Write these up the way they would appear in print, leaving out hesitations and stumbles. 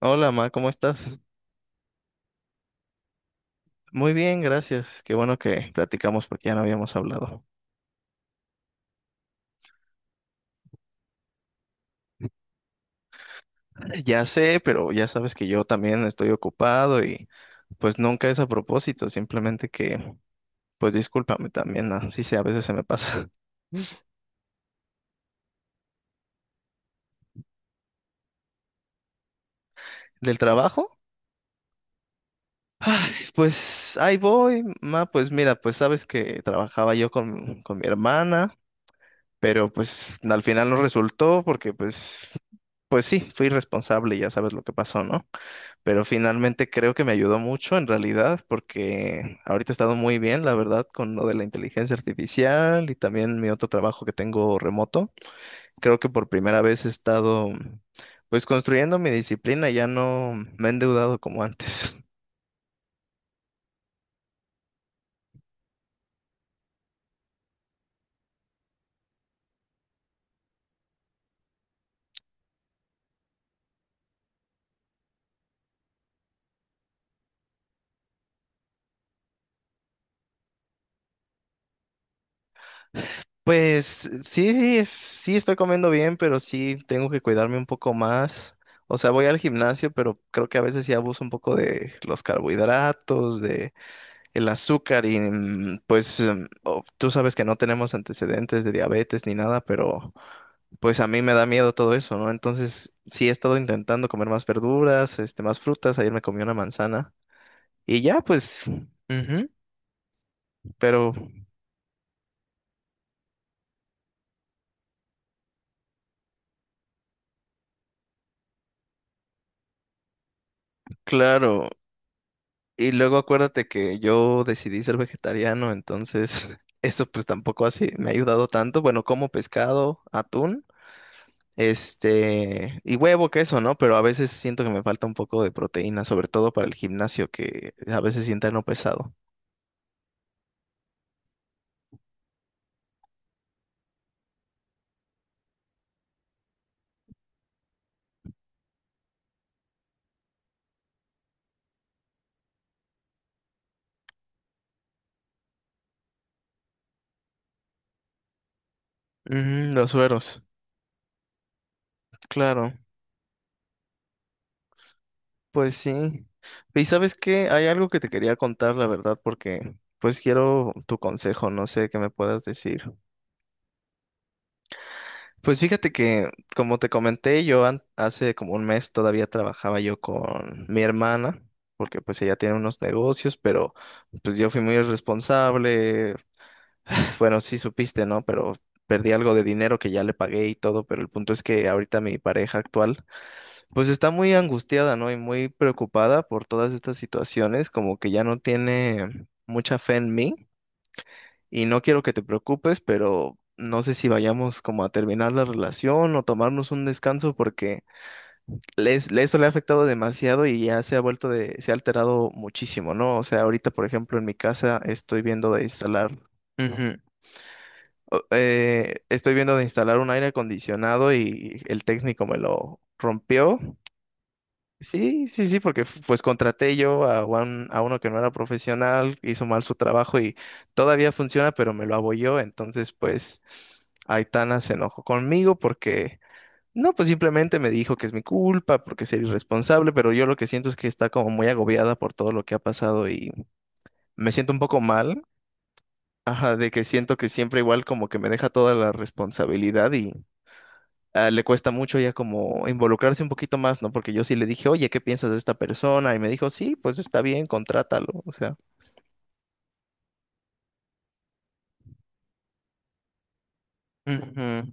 Hola, Ma, ¿cómo estás? Muy bien, gracias. Qué bueno que platicamos porque ya no habíamos hablado. Ya sé, pero ya sabes que yo también estoy ocupado y pues nunca es a propósito, simplemente que pues discúlpame también, ¿no? Sí sé, a veces se me pasa. ¿Del trabajo? Ay, pues ahí voy, Ma, pues mira, pues sabes que trabajaba yo con mi hermana, pero pues al final no resultó porque pues, pues sí, fui responsable y ya sabes lo que pasó, ¿no? Pero finalmente creo que me ayudó mucho en realidad porque ahorita he estado muy bien, la verdad, con lo de la inteligencia artificial y también mi otro trabajo que tengo remoto. Creo que por primera vez he estado pues construyendo mi disciplina, ya no me he endeudado como antes. Pues sí, sí, sí estoy comiendo bien, pero sí tengo que cuidarme un poco más. O sea, voy al gimnasio, pero creo que a veces sí abuso un poco de los carbohidratos, el azúcar y pues tú sabes que no tenemos antecedentes de diabetes ni nada, pero pues a mí me da miedo todo eso, ¿no? Entonces sí he estado intentando comer más verduras, este, más frutas, ayer me comí una manzana y ya pues, ujú, pero claro, y luego acuérdate que yo decidí ser vegetariano, entonces eso pues tampoco así me ha ayudado tanto, bueno, como pescado, atún. Este, y huevo, queso, ¿no? Pero a veces siento que me falta un poco de proteína, sobre todo para el gimnasio, que a veces sienta no pesado. Ujú, los sueros, claro, pues sí. Y sabes qué, hay algo que te quería contar, la verdad, porque pues quiero tu consejo, no sé qué me puedas decir. Pues fíjate que, como te comenté, yo hace como un mes todavía trabajaba yo con mi hermana, porque pues ella tiene unos negocios, pero pues yo fui muy irresponsable. Bueno, sí supiste, ¿no? Pero perdí algo de dinero que ya le pagué y todo, pero el punto es que ahorita mi pareja actual, pues está muy angustiada, ¿no? Y muy preocupada por todas estas situaciones, como que ya no tiene mucha fe en mí y no quiero que te preocupes, pero no sé si vayamos como a terminar la relación o tomarnos un descanso porque eso le ha afectado demasiado y ya se ha vuelto se ha alterado muchísimo, ¿no? O sea, ahorita, por ejemplo, en mi casa estoy viendo de instalar. Ujú. Estoy viendo de instalar un aire acondicionado y el técnico me lo rompió. Sí, sí, sí, porque pues contraté yo a, a uno que no era profesional, hizo mal su trabajo y todavía funciona, pero me lo abolló. Entonces, pues Aitana se enojó conmigo porque, no, pues simplemente me dijo que es mi culpa, porque soy irresponsable, pero yo lo que siento es que está como muy agobiada por todo lo que ha pasado y me siento un poco mal. Ajá, de que siento que siempre igual como que me deja toda la responsabilidad, ah, le cuesta mucho ya como involucrarse un poquito más, ¿no? Porque yo sí le dije, oye, ¿qué piensas de esta persona? Y me dijo, sí, pues está bien, contrátalo, o sea. Ujú,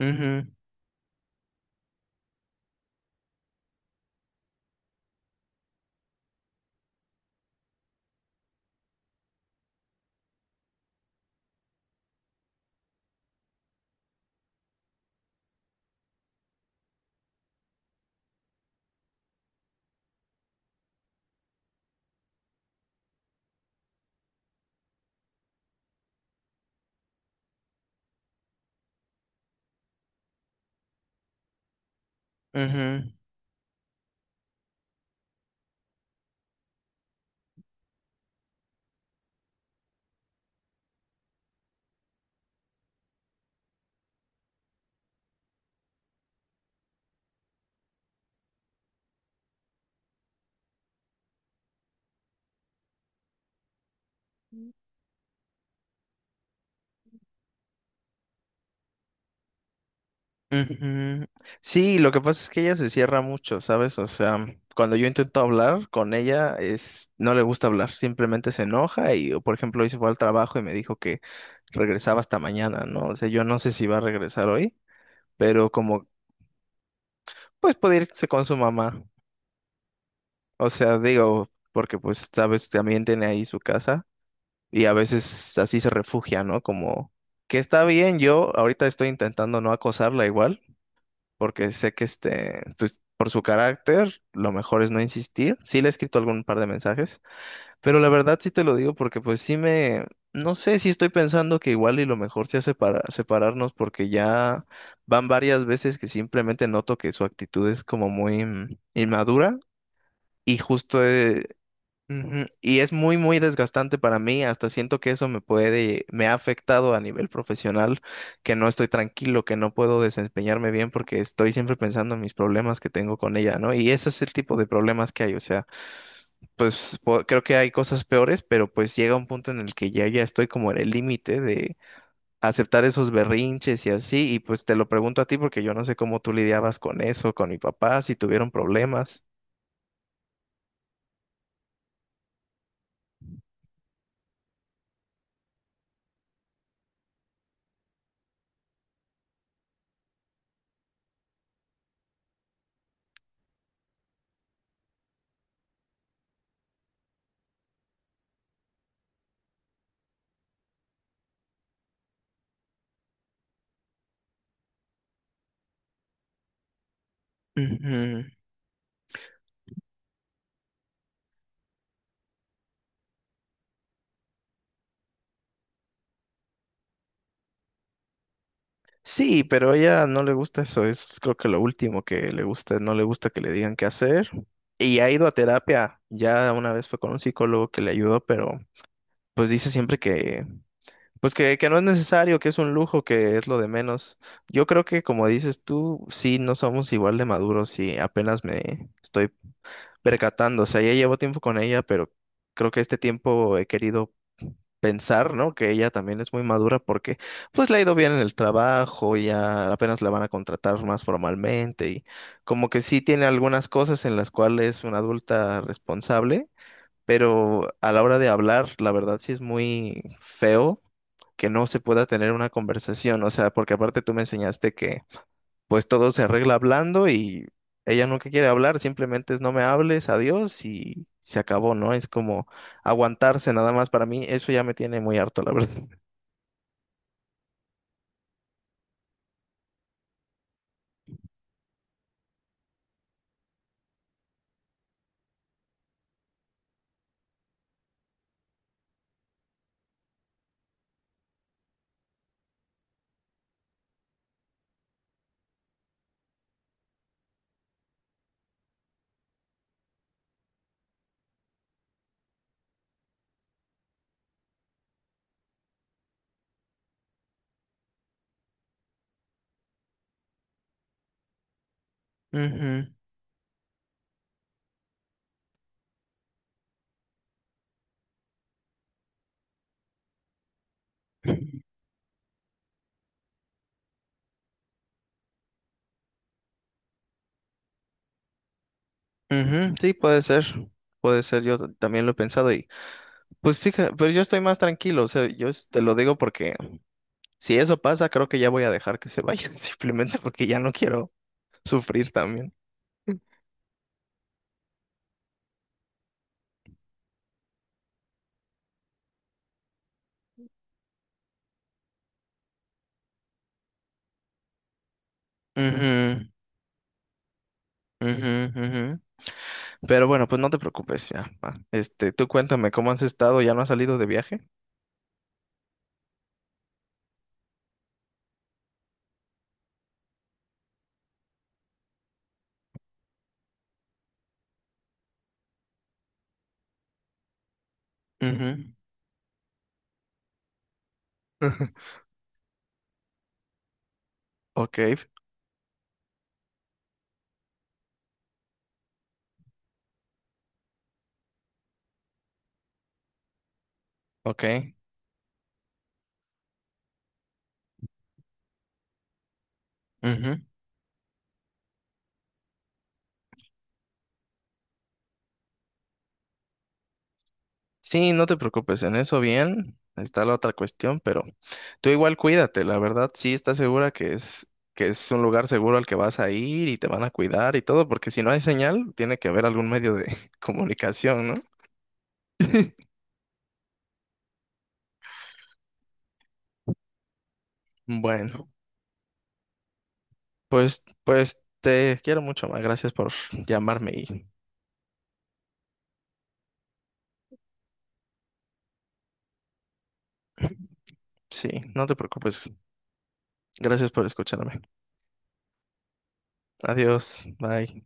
ujú, ujú, ujú. Sí, lo que pasa es que ella se cierra mucho, ¿sabes? O sea, cuando yo intento hablar con ella, es, no le gusta hablar, simplemente se enoja y, o, por ejemplo, hoy se fue al trabajo y me dijo que regresaba hasta mañana, ¿no? O sea, yo no sé si va a regresar hoy, pero como, pues puede irse con su mamá. O sea, digo, porque pues, sabes, también tiene ahí su casa y a veces así se refugia, ¿no? Como que está bien, yo ahorita estoy intentando no acosarla igual, porque sé que este, pues por su carácter, lo mejor es no insistir. Sí le he escrito algún par de mensajes, pero la verdad sí te lo digo porque pues sí me, no sé si estoy pensando que igual y lo mejor sea separarnos porque ya van varias veces que simplemente noto que su actitud es como muy inmadura. Y justo ujú, y es muy, muy desgastante para mí. Hasta siento que eso me puede, me ha afectado a nivel profesional, que no estoy tranquilo, que no puedo desempeñarme bien porque estoy siempre pensando en mis problemas que tengo con ella, ¿no? Y ese es el tipo de problemas que hay. O sea, pues creo que hay cosas peores, pero pues llega un punto en el que ya estoy como en el límite de aceptar esos berrinches y así. Y pues te lo pregunto a ti porque yo no sé cómo tú lidiabas con eso, con mi papá, si tuvieron problemas. Ujú. Sí, pero a ella no le gusta eso, es creo que lo último que le gusta, no le gusta que le digan qué hacer. Y ha ido a terapia, ya una vez fue con un psicólogo que le ayudó, pero pues dice siempre que, pues que, no es necesario, que es un lujo, que es lo de menos. Yo creo que como dices tú, sí, no somos igual de maduros y apenas me estoy percatando, o sea, ya llevo tiempo con ella, pero creo que este tiempo he querido pensar, ¿no? Que ella también es muy madura porque pues le ha ido bien en el trabajo, ya apenas la van a contratar más formalmente y como que sí tiene algunas cosas en las cuales es una adulta responsable, pero a la hora de hablar, la verdad sí es muy feo que no se pueda tener una conversación, o sea, porque aparte tú me enseñaste que pues todo se arregla hablando y ella nunca quiere hablar, simplemente es no me hables, adiós y se acabó, ¿no? Es como aguantarse nada más para mí, eso ya me tiene muy harto, la verdad. Ujú. Ujú, sí, puede ser, yo también lo he pensado y pues fíjate, pero yo estoy más tranquilo, o sea, yo te lo digo porque si eso pasa, creo que ya voy a dejar que se vayan, simplemente porque ya no quiero sufrir también. Ujú, ujú, ujú. Pero bueno, pues no te preocupes ya. Va. Este, tú cuéntame cómo has estado, ¿ya no has salido de viaje? Ujú. Ok, ok. Ujú. Sí, no te preocupes, en eso bien. Está la otra cuestión, pero tú igual cuídate, la verdad, sí estás segura que es un lugar seguro al que vas a ir y te van a cuidar y todo, porque si no hay señal, tiene que haber algún medio de comunicación, ¿no? Bueno, pues te quiero mucho más. Gracias por llamarme y sí, no te preocupes. Gracias por escucharme. Adiós. Bye.